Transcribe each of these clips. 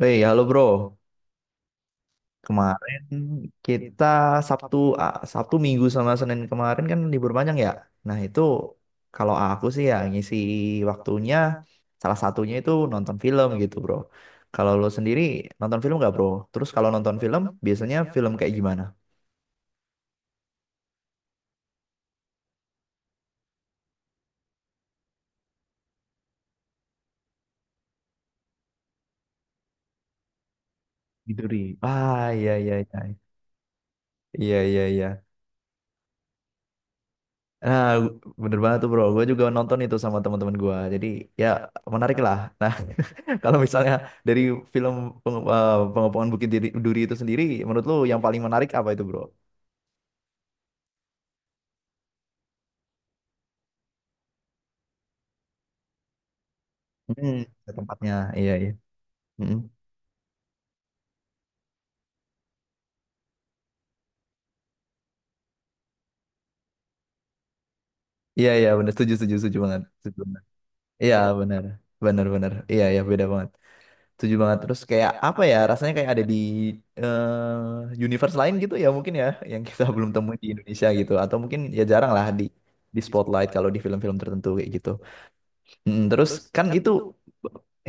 Woi, halo bro. Kemarin kita Sabtu Sabtu Minggu sama Senin kemarin kan libur panjang ya. Nah, itu kalau aku sih ya ngisi waktunya salah satunya itu nonton film gitu, bro. Kalau lo sendiri nonton film nggak, bro? Terus kalau nonton film biasanya film kayak gimana? Gitu, Ri. Ah, iya iya iya. Iya iya iya. Nah, bener banget tuh, bro. Gue juga nonton itu sama teman-teman gue. Jadi ya menarik lah. Nah, kalau misalnya dari film Pengepungan Bukit Duri, Duri itu sendiri, menurut lu yang paling menarik apa itu, bro? Hmm. Tempatnya, iya iya. Mm-mm. Iya iya benar, setuju setuju setuju banget. Setuju banget. Iya benar, benar benar. Iya iya beda banget. Setuju banget. Terus kayak apa ya? Rasanya kayak ada di universe lain gitu ya mungkin ya, yang kita belum temui di Indonesia gitu. Atau mungkin ya jarang lah di spotlight kalau di film-film tertentu kayak gitu. Mm, terus kan kan itu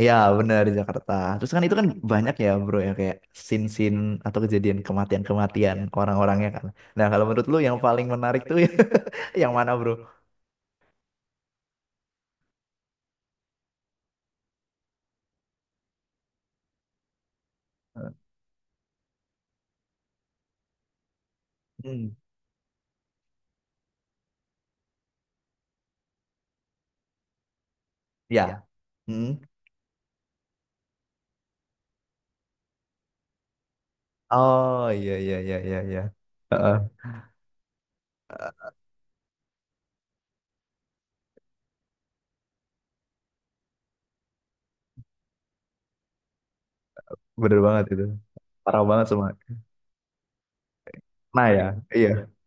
ya benar di Jakarta. Terus kan itu kan banyak ya bro ya kayak sin sin atau kejadian kematian-kematian orang-orangnya kan. Nah kalau menurut lu yang paling menarik tuh yang mana bro? Hmm, ya. Hmm. Oh iya iya iya iya iya. Heeh, bener banget itu. Parah banget semua. Nah ya, iya iya,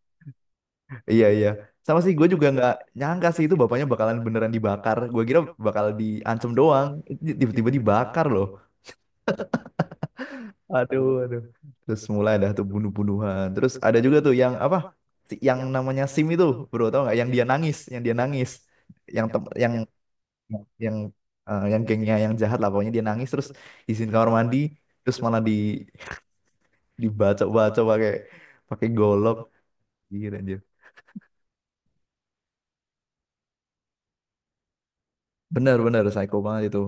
iya iya. Sama sih gue juga nggak nyangka sih itu bapaknya bakalan beneran dibakar. Gue kira bakal diancam doang. Tiba-tiba dibakar loh. Aduh, aduh. Terus mulai dah tuh bunuh-bunuhan. Terus ada juga tuh yang apa? Yang namanya Sim itu, bro, tau nggak? Yang dia nangis, yang dia nangis, yang tem yang eh, yang gengnya yang jahat lah, pokoknya dia nangis terus izin kamar mandi, terus malah di dibaca-baca pakai pakai golok, gitu. Bener-bener psycho banget itu.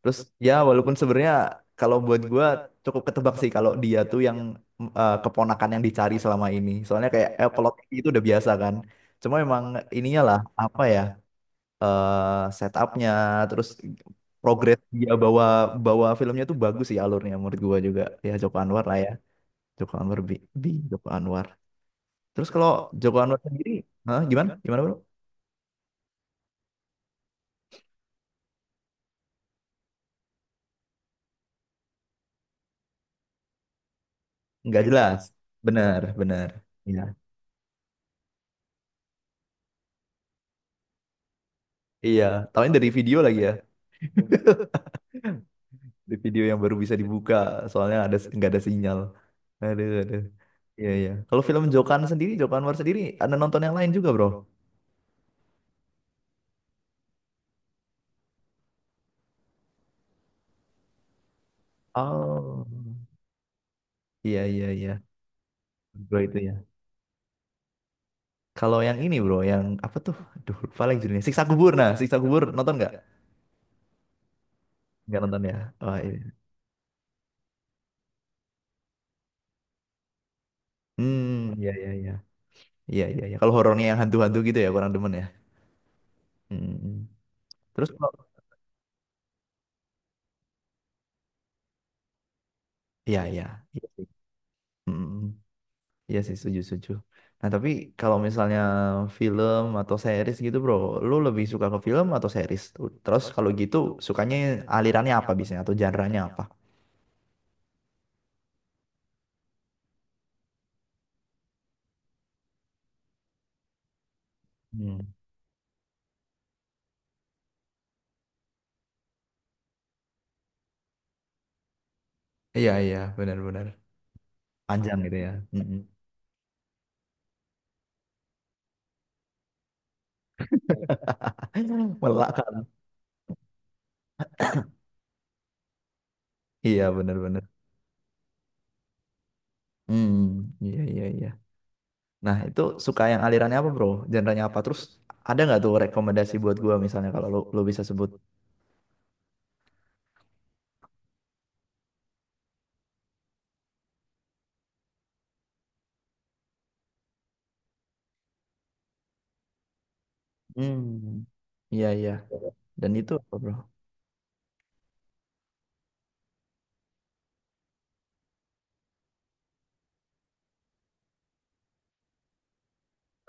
Terus ya walaupun sebenarnya kalau buat gua cukup ketebak sih kalau dia tuh yang keponakan yang dicari selama ini. Soalnya kayak plot itu udah biasa kan. Cuma emang ininya lah apa ya setupnya terus progres dia bawa bawa filmnya tuh bagus sih alurnya menurut gua juga. Ya Joko Anwar lah ya. Joko Anwar bi, bi Joko Anwar. Terus kalau Joko Anwar sendiri, hah, gimana? Gimana bro? Nggak jelas. Bener, bener. Iya. Iya, tahunya dari video lagi ya. Di video yang baru bisa dibuka soalnya ada nggak ada sinyal. Aduh aduh. Iya iya, kalau film Jokan sendiri Joko Anwar sendiri ada nonton yang lain juga bro? Oh iya iya iya, bro itu ya. Kalau yang ini bro yang apa tuh aduh lupa lagi judulnya Siksa Kubur, nah Siksa Kubur nonton nggak? Nggak nonton ya. Oh iya. Hmm, iya iya iya. Iya iya iya. Kalau horornya yang hantu-hantu gitu ya kurang demen ya. Hmm. Hmm, hmm. Terus kalau iya iya. Iya sih. Mm. Iya sih, setuju, setuju. Nah, tapi kalau misalnya film atau series gitu, bro, lu lebih suka ke film atau series? Terus kalau gitu, sukanya alirannya apa biasanya atau genre-nya apa? Hmm. Iya, iya, benar-benar. Panjang gitu ya. Mm-mm. Melak, kan? Iya, benar-benar. Hmm, iya, iya, iya. Nah, itu suka yang alirannya apa, bro? Genre-nya apa? Terus ada nggak tuh rekomendasi buat gua misalnya kalau lu bisa sebut? Hmm. Iya, iya. Dan itu apa, bro?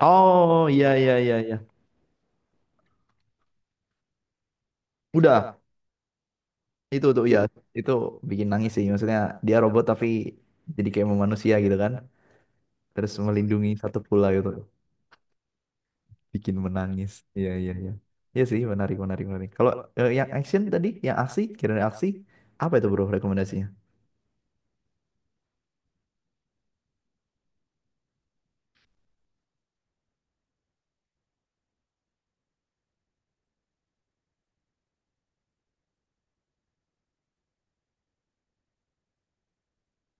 Oh, iya, iya, iya, iya. Udah. Itu tuh ya, itu bikin nangis sih. Maksudnya dia robot tapi jadi kayak mau manusia gitu kan. Terus melindungi satu pula gitu. Bikin menangis. Iya, iya, iya. Iya sih, menarik, menarik, menarik. Kalau yang action tadi, yang aksi, kira-kira aksi, apa itu bro rekomendasinya?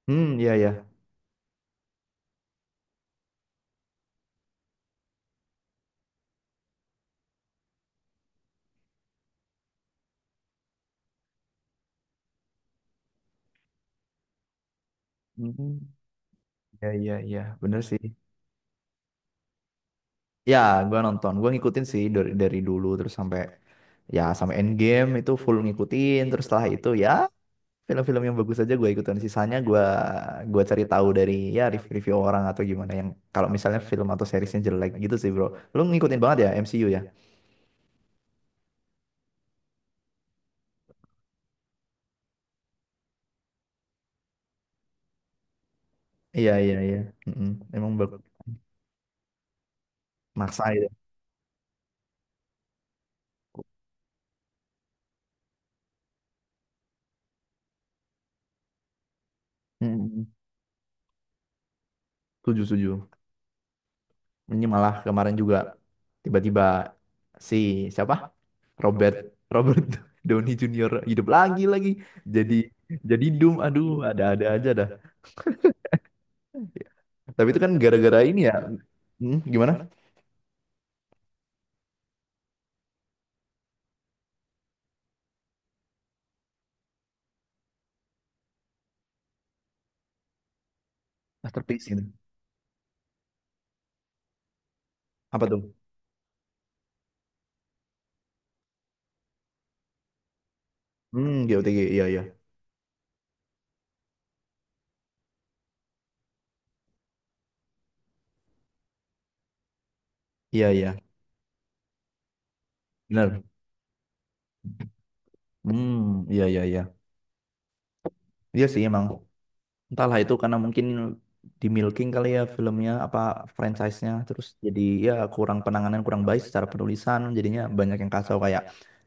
Hmm, iya, iya. Hmm, iya, iya, iya. Bener sih. Ya, gua nonton. Gua ngikutin sih dari dulu terus sampai ya sampai end game itu full ngikutin terus setelah itu ya film-film yang bagus aja gue ikutin sisanya gue cari tahu dari ya review-review orang atau gimana yang kalau misalnya film atau seriesnya jelek gitu sih bro lu ngikutin banget ya MCU ya. Iya iya iya. Mm-mm. Emang bak- maksa ya. Mm-mm. Setuju setuju. Ini malah kemarin juga tiba-tiba si siapa Robert Robert Downey Junior hidup lagi jadi jadi Doom aduh ada-ada aja dah. Tapi itu kan gara-gara ini ya. Hmm, gimana? Masterpiece gitu. Apa tuh hmm GOTG iya iya. Iya iya benar. Hmm iya iya iya. Iya sih emang. Entahlah itu karena mungkin di milking kali ya filmnya apa franchise-nya terus jadi ya kurang penanganan kurang baik secara penulisan jadinya banyak yang kacau kayak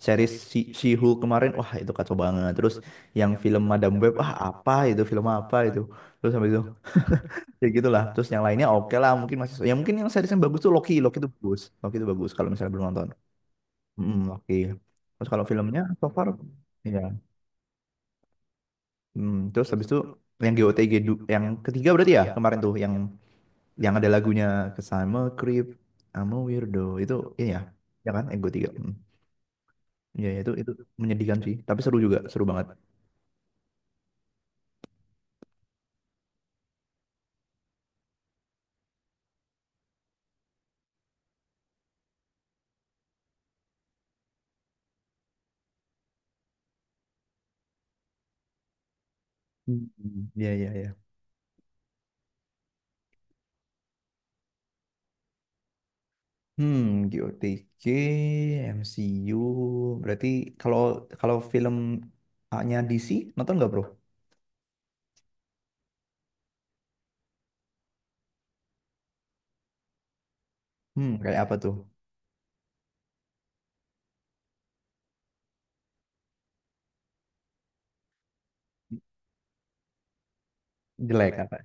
series si She-Hulk kemarin, wah itu kacau banget. Terus yang film Madam Web ah apa itu film apa itu terus sampai itu ya gitulah. Terus yang lainnya oke lah mungkin masih ya mungkin yang series yang bagus tuh Loki. Loki itu bagus kalau misalnya belum nonton. Mm, Loki. Terus kalau filmnya so far ya. Hmm, terus habis itu yang GOTG du- yang ketiga berarti ya kemarin tuh yang ada lagunya Kesama Creep sama Weirdo itu ini ya ya kan yang GOTG hmm. Iya iya, itu menyedihkan sih tapi seru juga seru banget. Hmm, iya iya iya, hmm GOTG MCU berarti. Kalau Kalau filmnya DC nonton nggak bro? Hmm kayak apa tuh jelek apa.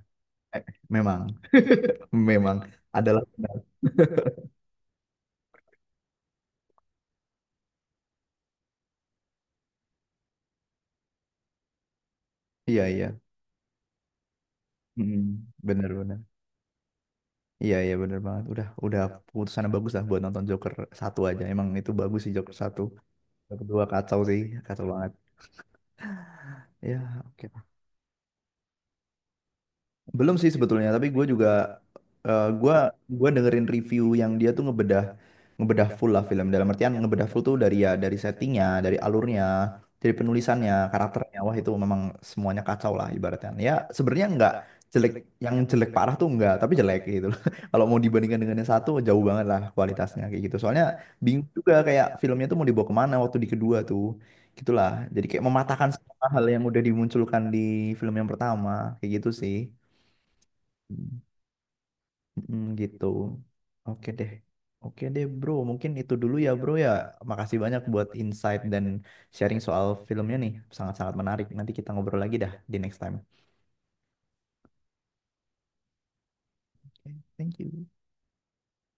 Eh, memang memang adalah benar. Iya iya. Hmm, benar benar. Iya iya bener banget. Udah keputusan yang bagus lah buat nonton Joker satu aja. Emang itu bagus sih Joker satu. Joker dua kacau sih, kacau banget. Ya, oke. Belum sih sebetulnya, tapi gue juga eh, gue gue dengerin review yang dia tuh ngebedah ngebedah full lah film. Dalam artian ngebedah full tuh dari ya dari settingnya, dari alurnya, dari penulisannya, karakternya. Wah itu memang semuanya kacau lah ibaratnya. Ya sebenarnya nggak jelek, yang jelek parah tuh nggak, tapi jelek gitu loh. Kalau mau dibandingkan dengan yang satu jauh banget lah kualitasnya kayak gitu. Soalnya bingung juga kayak filmnya tuh mau dibawa kemana waktu di kedua tuh. Gitulah. Jadi kayak mematahkan semua hal yang udah dimunculkan di film yang pertama kayak gitu sih. Mm, gitu. Oke deh. Oke deh, bro. Mungkin itu dulu ya, bro ya. Makasih banyak buat insight dan sharing soal filmnya nih. Sangat-sangat menarik. Nanti kita ngobrol lagi dah di next time. Oke, thank you.